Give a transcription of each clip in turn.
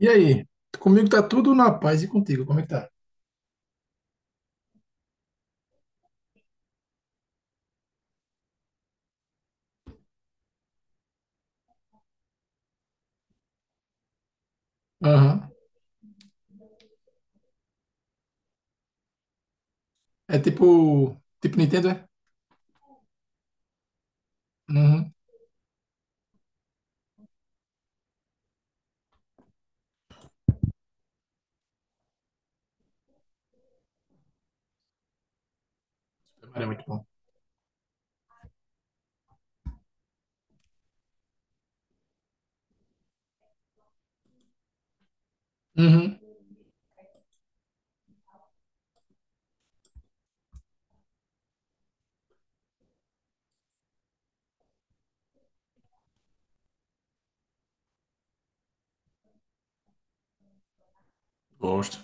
E aí? Comigo tá tudo na paz e contigo, como é que tá? Aham. É tipo. Tipo Nintendo, é? Uhum. É muito bom. Uhum. Gosto.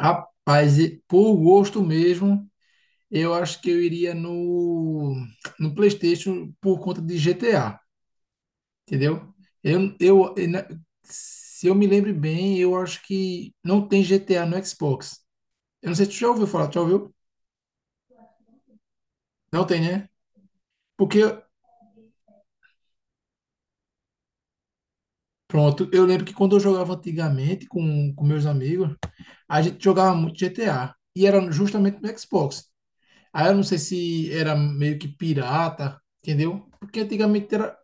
Rapaz, e por gosto mesmo, eu acho que eu iria no PlayStation por conta de GTA, entendeu? Eu, eu, eu na- se eu me lembro bem, eu acho que não tem GTA no Xbox. Eu não sei se tu já ouviu falar, tu já ouviu? Não tem, né? Porque Pronto, eu lembro que quando eu jogava antigamente com meus amigos, a gente jogava muito GTA. E era justamente no Xbox. Aí eu não sei se era meio que pirata, entendeu? Porque antigamente era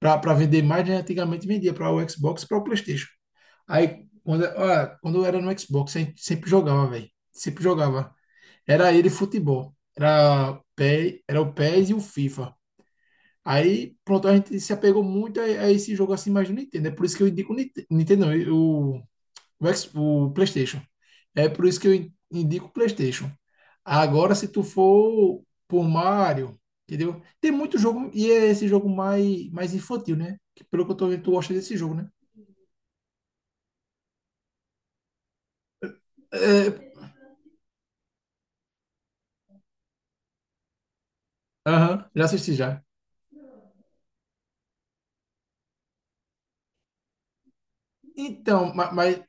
para vender mais, né? Antigamente vendia para o Xbox, e para o PlayStation. Aí quando eu era no Xbox, a gente sempre jogava, velho. Sempre jogava. Era ele futebol. Era o PES e S e o FIFA. Aí, pronto, a gente se apegou muito a esse jogo assim mais do Nintendo. É por isso que eu indico o Nintendo, não, o PlayStation. É por isso que eu indico o PlayStation. Agora, se tu for por Mario, entendeu? Tem muito jogo, e é esse jogo mais, mais infantil, né? Que pelo que eu tô vendo, tu gosta desse jogo, né? É, aham, já assisti já. Então, mas,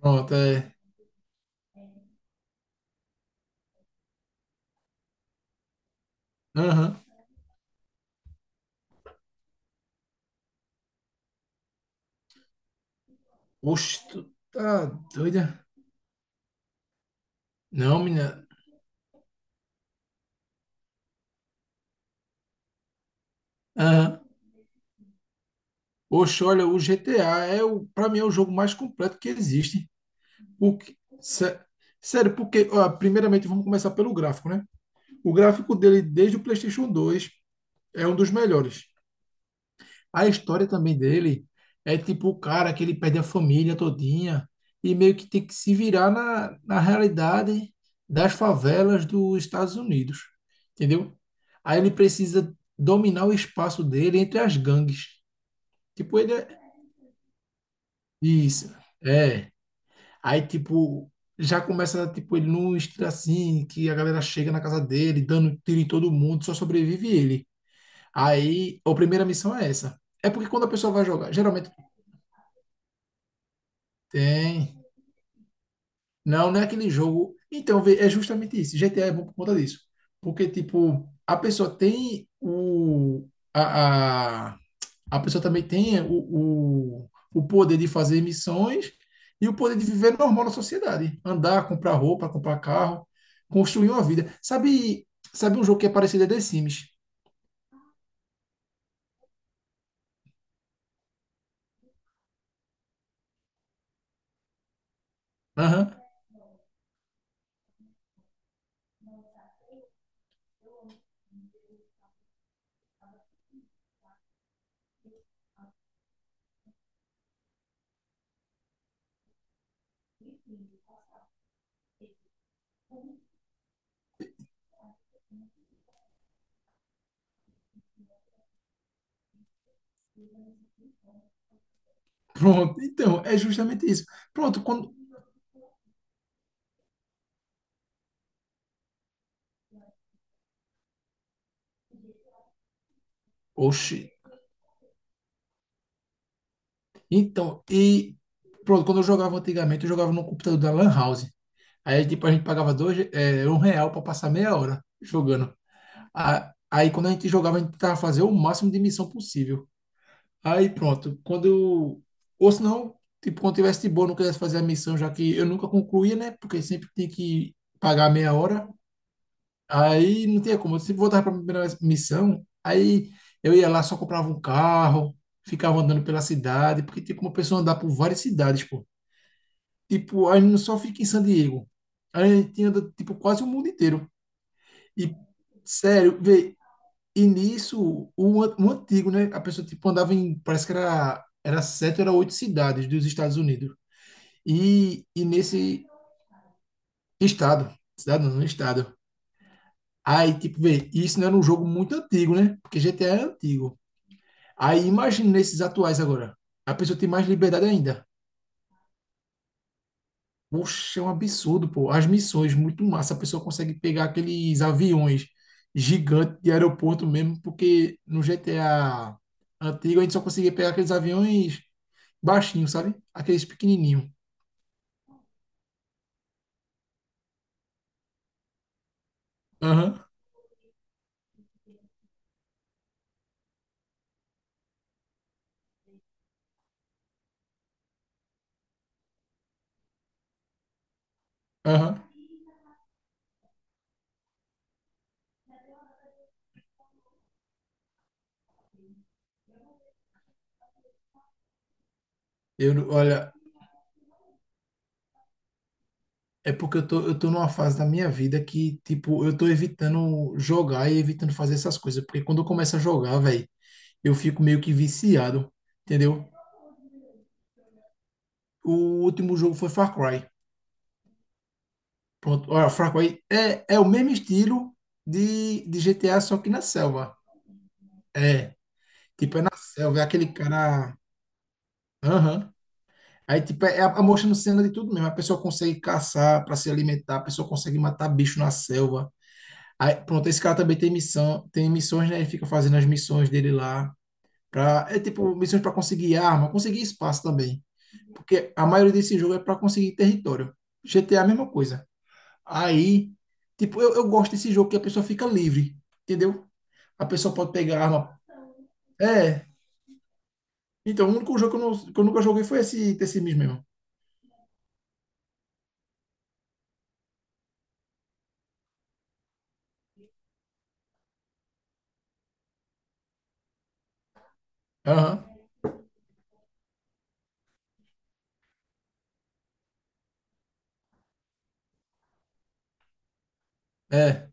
pronto, é. Aham. Oxe, tu tá doida? Não, menina. Aham. Oxe, olha, o GTA para mim é o jogo mais completo que existe. O que- sé- sério, porque ó, primeiramente vamos começar pelo gráfico, né? O gráfico dele desde o PlayStation 2 é um dos melhores. A história também dele é tipo o cara que ele perde a família todinha e meio que tem que se virar na realidade das favelas dos Estados Unidos, entendeu? Aí ele precisa dominar o espaço dele entre as gangues. Tipo, ele é isso. É, aí, tipo, já começa, tipo, ele num estilo assim, que a galera chega na casa dele, dando tiro em todo mundo, só sobrevive ele. Aí, a primeira missão é essa. É porque quando a pessoa vai jogar, geralmente tem. Não, não é aquele jogo. Então, vê, é justamente isso. GTA é bom por conta disso. Porque, tipo, a pessoa tem a, a pessoa também tem o poder de fazer missões e o poder de viver normal na sociedade. Andar, comprar roupa, comprar carro, construir uma vida. Sabe um jogo que é parecido a The Sims? Aham. Pronto. Então, é justamente isso. Pronto, quando. Oxi. Então, e. Pronto, quando eu jogava antigamente, eu jogava no computador da Lan House. Aí, tipo, a gente pagava dois, R$ 1 para passar meia hora jogando. Aí, quando a gente jogava, a gente tentava fazer o máximo de missão possível. Aí pronto, quando eu. Ou se não, tipo, quando tivesse de boa, não quisesse fazer a missão, já que eu nunca concluía, né? Porque sempre tinha que pagar meia hora. Aí não tinha como. Eu sempre voltava para a primeira missão, aí eu ia lá, só comprava um carro, ficava andando pela cidade, porque tem como a pessoa andar por várias cidades, pô. Tipo, a gente não só fica em San Diego. A gente anda, tipo, quase o mundo inteiro. E, sério, vê, e nisso, o antigo, né? A pessoa, tipo, andava parece que era sete ou era oito cidades dos Estados Unidos. E nesse estado, cidade não, no estado. Aí, tipo, vê, isso não era um jogo muito antigo, né? Porque GTA é antigo. Aí, imagina nesses atuais agora. A pessoa tem mais liberdade ainda. Poxa, é um absurdo, pô. As missões, muito massa. A pessoa consegue pegar aqueles aviões gigantes de aeroporto mesmo, porque no GTA antigo a gente só conseguia pegar aqueles aviões baixinhos, sabe? Aqueles pequenininhos. Aham, aham. Eu, olha, é porque eu tô numa fase da minha vida que, tipo, eu tô evitando jogar e evitando fazer essas coisas. Porque quando eu começo a jogar, velho, eu fico meio que viciado, entendeu? O último jogo foi Far Cry. Pronto, olha, Fraco aí é o mesmo estilo de GTA, só que na selva. É, tipo, é na selva, é aquele cara. Aham. Aí, tipo, é a mostrando cena de tudo mesmo. A pessoa consegue caçar para se alimentar, a pessoa consegue matar bicho na selva. Aí, pronto, esse cara também tem missão, tem missões, né? Ele fica fazendo as missões dele lá. É tipo, missões para conseguir arma, conseguir espaço também. Porque a maioria desse jogo é para conseguir território. GTA é a mesma coisa. Aí, tipo, eu gosto desse jogo que a pessoa fica livre, entendeu? A pessoa pode pegar a arma. É. Então, o único jogo que eu nunca joguei foi esse Tessimis mesmo. Aham. É.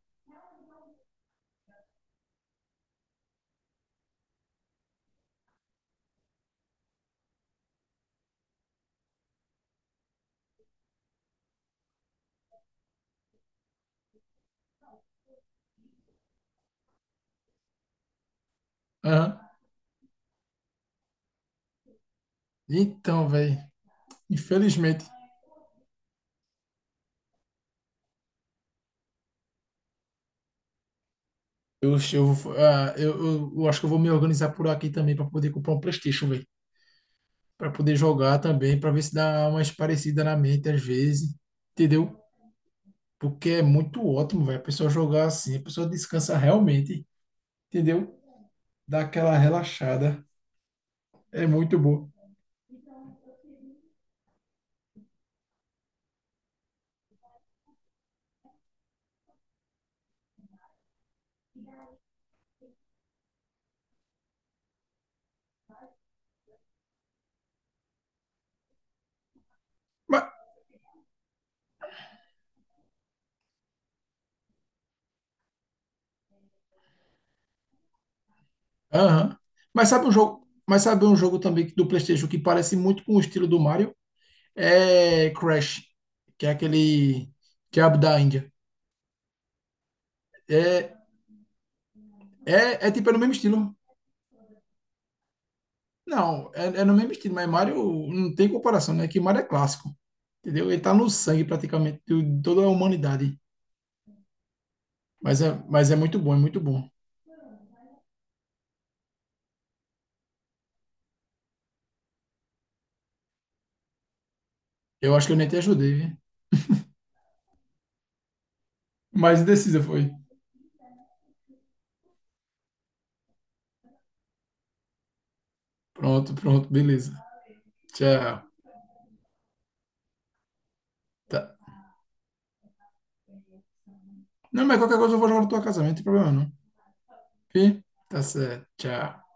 Aham. Então, velho. Infelizmente. Eu, eu, eu acho que eu vou me organizar por aqui também para poder comprar um PlayStation, velho. Para poder jogar também, para ver se dá umas parecidas na mente às vezes. Entendeu? Porque é muito ótimo, velho. A pessoa jogar assim, a pessoa descansa realmente. Entendeu? Dá aquela relaxada. É muito boa. Mas, aham. Mas sabe um jogo também do PlayStation que parece muito com o estilo do Mario? É Crash, que é aquele diabo da Índia. É, é, é, tipo é no mesmo estilo. Não, é no mesmo estilo, mas Mario não tem comparação, né? Que Mario é clássico. Entendeu? Ele tá no sangue praticamente de toda a humanidade. Mas é muito bom, é muito bom. Eu acho que eu nem te ajudei, viu? Mas indecisa foi. Pronto, pronto, beleza. Tchau. Tá. Não, mas qualquer coisa eu vou jogar no teu casamento, não tem problema não. Fih? Tá certo. Tchau.